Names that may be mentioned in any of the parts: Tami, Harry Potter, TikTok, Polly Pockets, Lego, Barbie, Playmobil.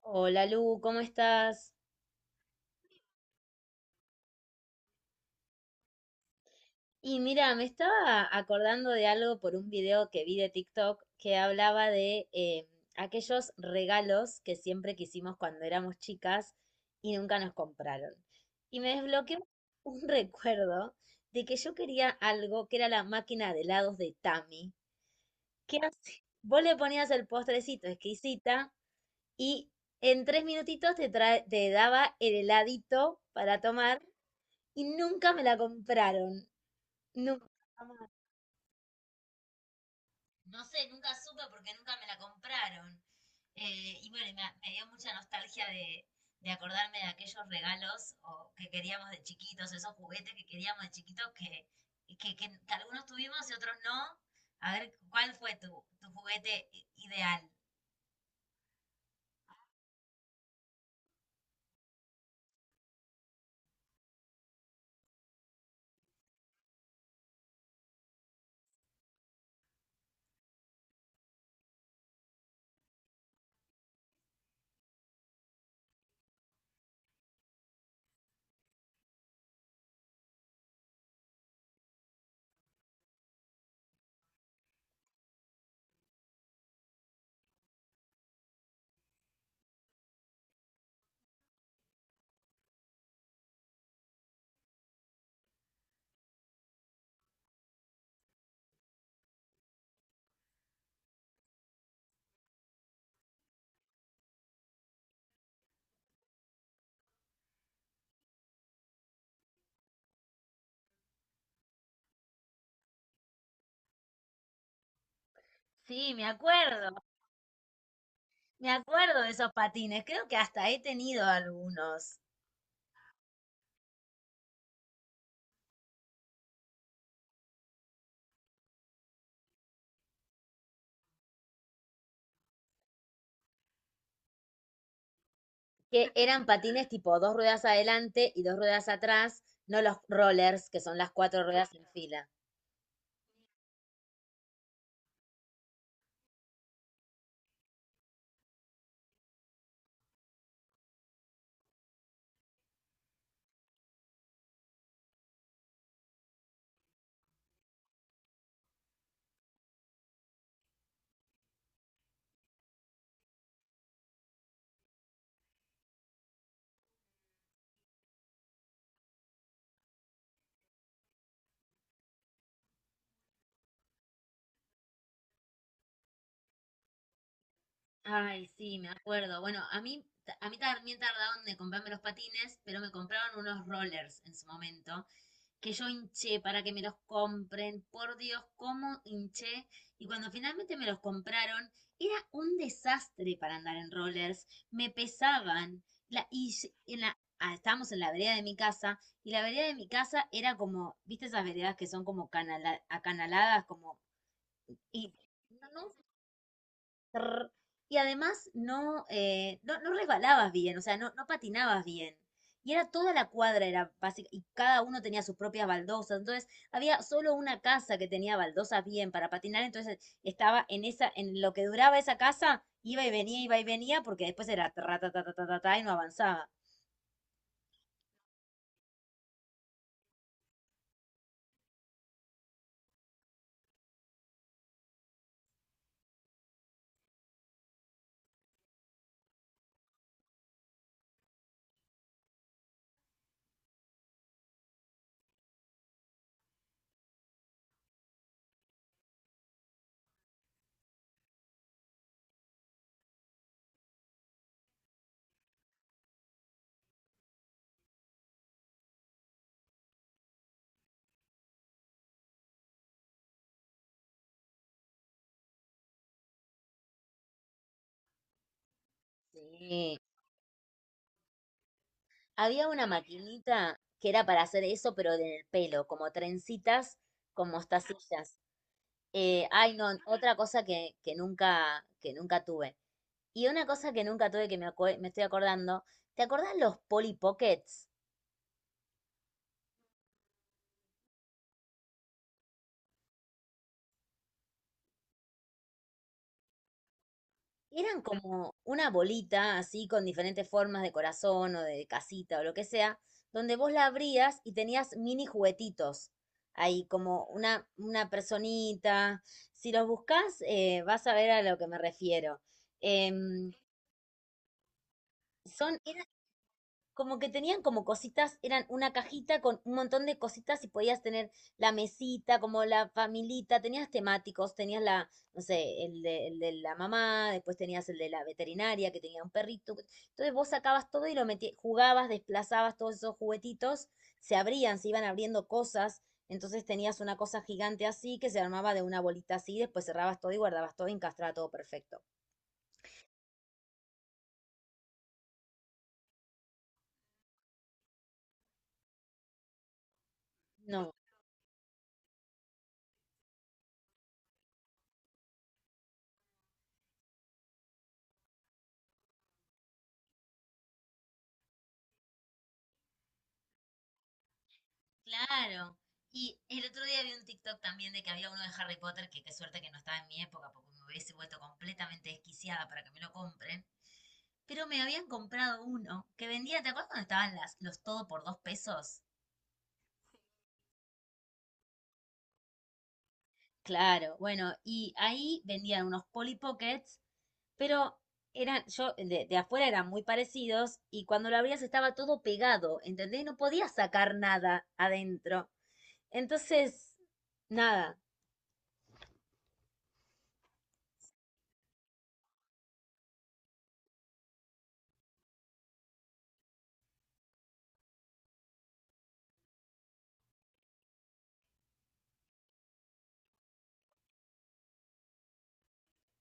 Hola Lu, ¿cómo estás? Y mira, me estaba acordando de algo por un video que vi de TikTok que hablaba de aquellos regalos que siempre quisimos cuando éramos chicas y nunca nos compraron. Y me desbloqueó un recuerdo de que yo quería algo que era la máquina de helados de Tami. ¿Qué hace? Vos le ponías el postrecito exquisita y en 3 minutitos te daba el heladito para tomar y nunca me la compraron. No, jamás. No sé, nunca supe porque nunca me la compraron. Y bueno, y me dio mucha nostalgia de acordarme de aquellos regalos o que queríamos de chiquitos, esos juguetes que queríamos de chiquitos que, que- que algunos tuvimos y otros no. A ver, ¿cuál fue tu juguete ideal? Sí, me acuerdo de esos patines, creo que hasta he tenido algunos. Que eran patines tipo dos ruedas adelante y dos ruedas atrás, no los rollers, que son las cuatro ruedas en fila. Ay, sí, me acuerdo. Bueno, a mí también tardaron de comprarme los patines, pero me compraron unos rollers en su momento, que yo hinché para que me los compren, por Dios, cómo hinché. Y cuando finalmente me los compraron, era un desastre para andar en rollers, me pesaban. La, y en la, ah, Estábamos en la vereda de mi casa, y la vereda de mi casa era como, ¿viste esas veredas que son como acanaladas? Y no trrr, y además no resbalabas bien, o sea, no patinabas bien. Y era toda la cuadra, era básica, y cada uno tenía sus propias baldosas. Entonces, había solo una casa que tenía baldosas bien para patinar. Entonces, estaba en esa, en lo que duraba esa casa, iba y venía, porque después era tra, ta, ta, ta, ta, ta, ta, y no avanzaba. Sí. Había una maquinita que era para hacer eso, pero en el pelo, como trencitas con mostacillas. Ay, no, otra cosa que nunca tuve. Y una cosa que nunca tuve que me estoy acordando, ¿te acordás los Polly Pockets? Eran como una bolita así con diferentes formas de corazón o de casita o lo que sea, donde vos la abrías y tenías mini juguetitos. Ahí como una personita. Si los buscás, vas a ver a lo que me refiero. Em, son, como que tenían como cositas, eran una cajita con un montón de cositas y podías tener la mesita, como la familita, tenías temáticos, tenías la, no sé, el de la mamá, después tenías el de la veterinaria que tenía un perrito. Entonces vos sacabas todo y lo metías, jugabas, desplazabas todos esos juguetitos, se abrían, se iban abriendo cosas. Entonces tenías una cosa gigante así que se armaba de una bolita así, después cerrabas todo y guardabas todo y encastraba todo perfecto. No, Claro. Y el otro día vi un TikTok también de que había uno de Harry Potter, que qué suerte que no estaba en mi época, porque me hubiese vuelto completamente desquiciada para que me lo compren. Pero me habían comprado uno que vendía, ¿te acuerdas cuando estaban los todo por dos pesos? Claro, bueno, y ahí vendían unos Polly Pockets, pero eran, yo, de afuera eran muy parecidos y cuando lo abrías estaba todo pegado, ¿entendés? No podías sacar nada adentro. Entonces, nada.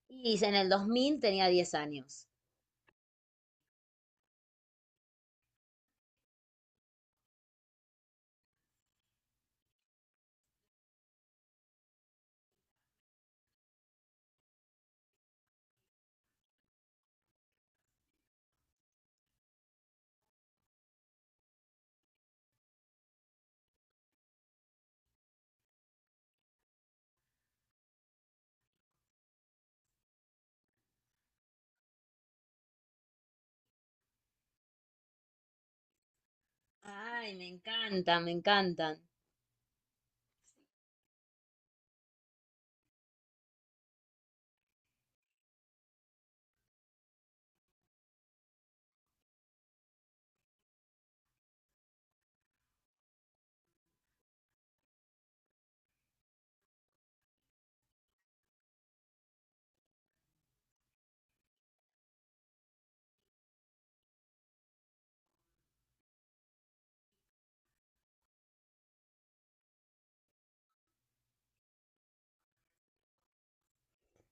Y en el 2000 tenía 10 años. Ay, me encantan, me encantan.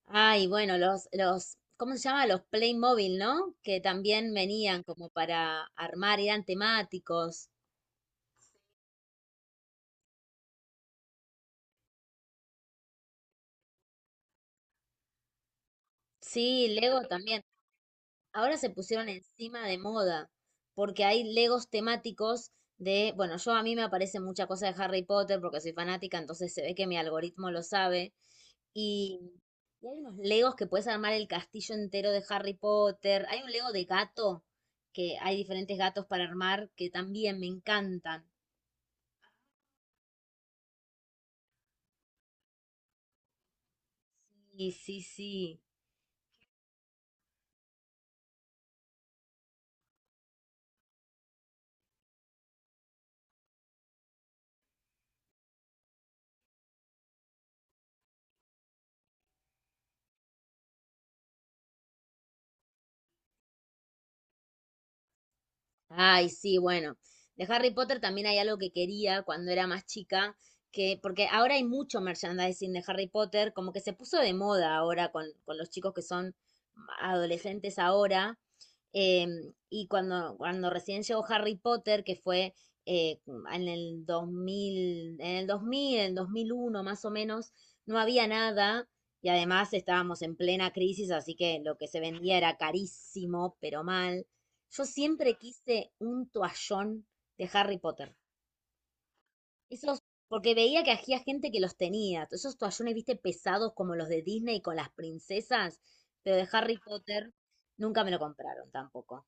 Ay, bueno, los, ¿cómo se llama? Los Playmobil, ¿no? Que también venían como para armar, eran temáticos. Sí, Lego también. Ahora se pusieron encima de moda, porque hay Legos temáticos de, bueno, yo a mí me aparece mucha cosa de Harry Potter porque soy fanática, entonces se ve que mi algoritmo lo sabe. Y, y hay unos Legos que puedes armar el castillo entero de Harry Potter. Hay un Lego de gato, que hay diferentes gatos para armar, que también me encantan. Sí, sí, sí. Ay, sí, bueno. De Harry Potter también hay algo que quería cuando era más chica, que, porque ahora hay mucho merchandising de Harry Potter, como que se puso de moda ahora con los chicos que son adolescentes ahora. Y cuando recién llegó Harry Potter, que fue eh, en el 2000 en el 2000 en el 2001 más o menos, no había nada. Y además estábamos en plena crisis, así que lo que se vendía era carísimo, pero mal. Yo siempre quise un toallón de Harry Potter. Esos, porque veía que había gente que los tenía. Esos toallones, viste, pesados como los de Disney con las princesas, pero de Harry Potter nunca me lo compraron tampoco.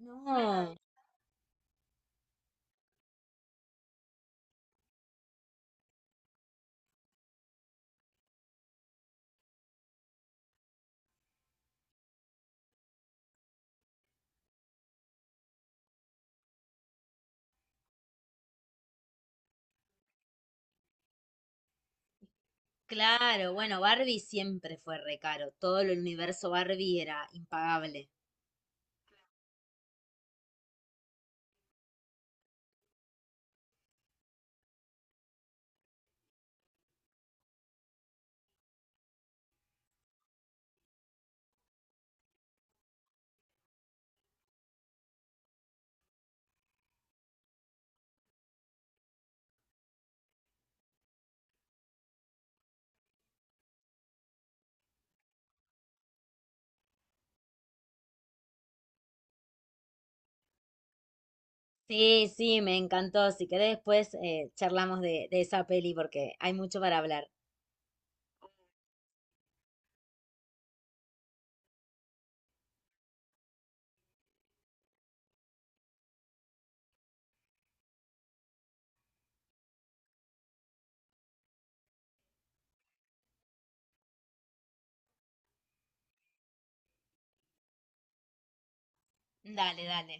No, claro, bueno, Barbie siempre fue re caro. Todo el universo Barbie era impagable. Sí, sí, me encantó. Si querés después charlamos de esa peli porque hay mucho para hablar. Dale, dale.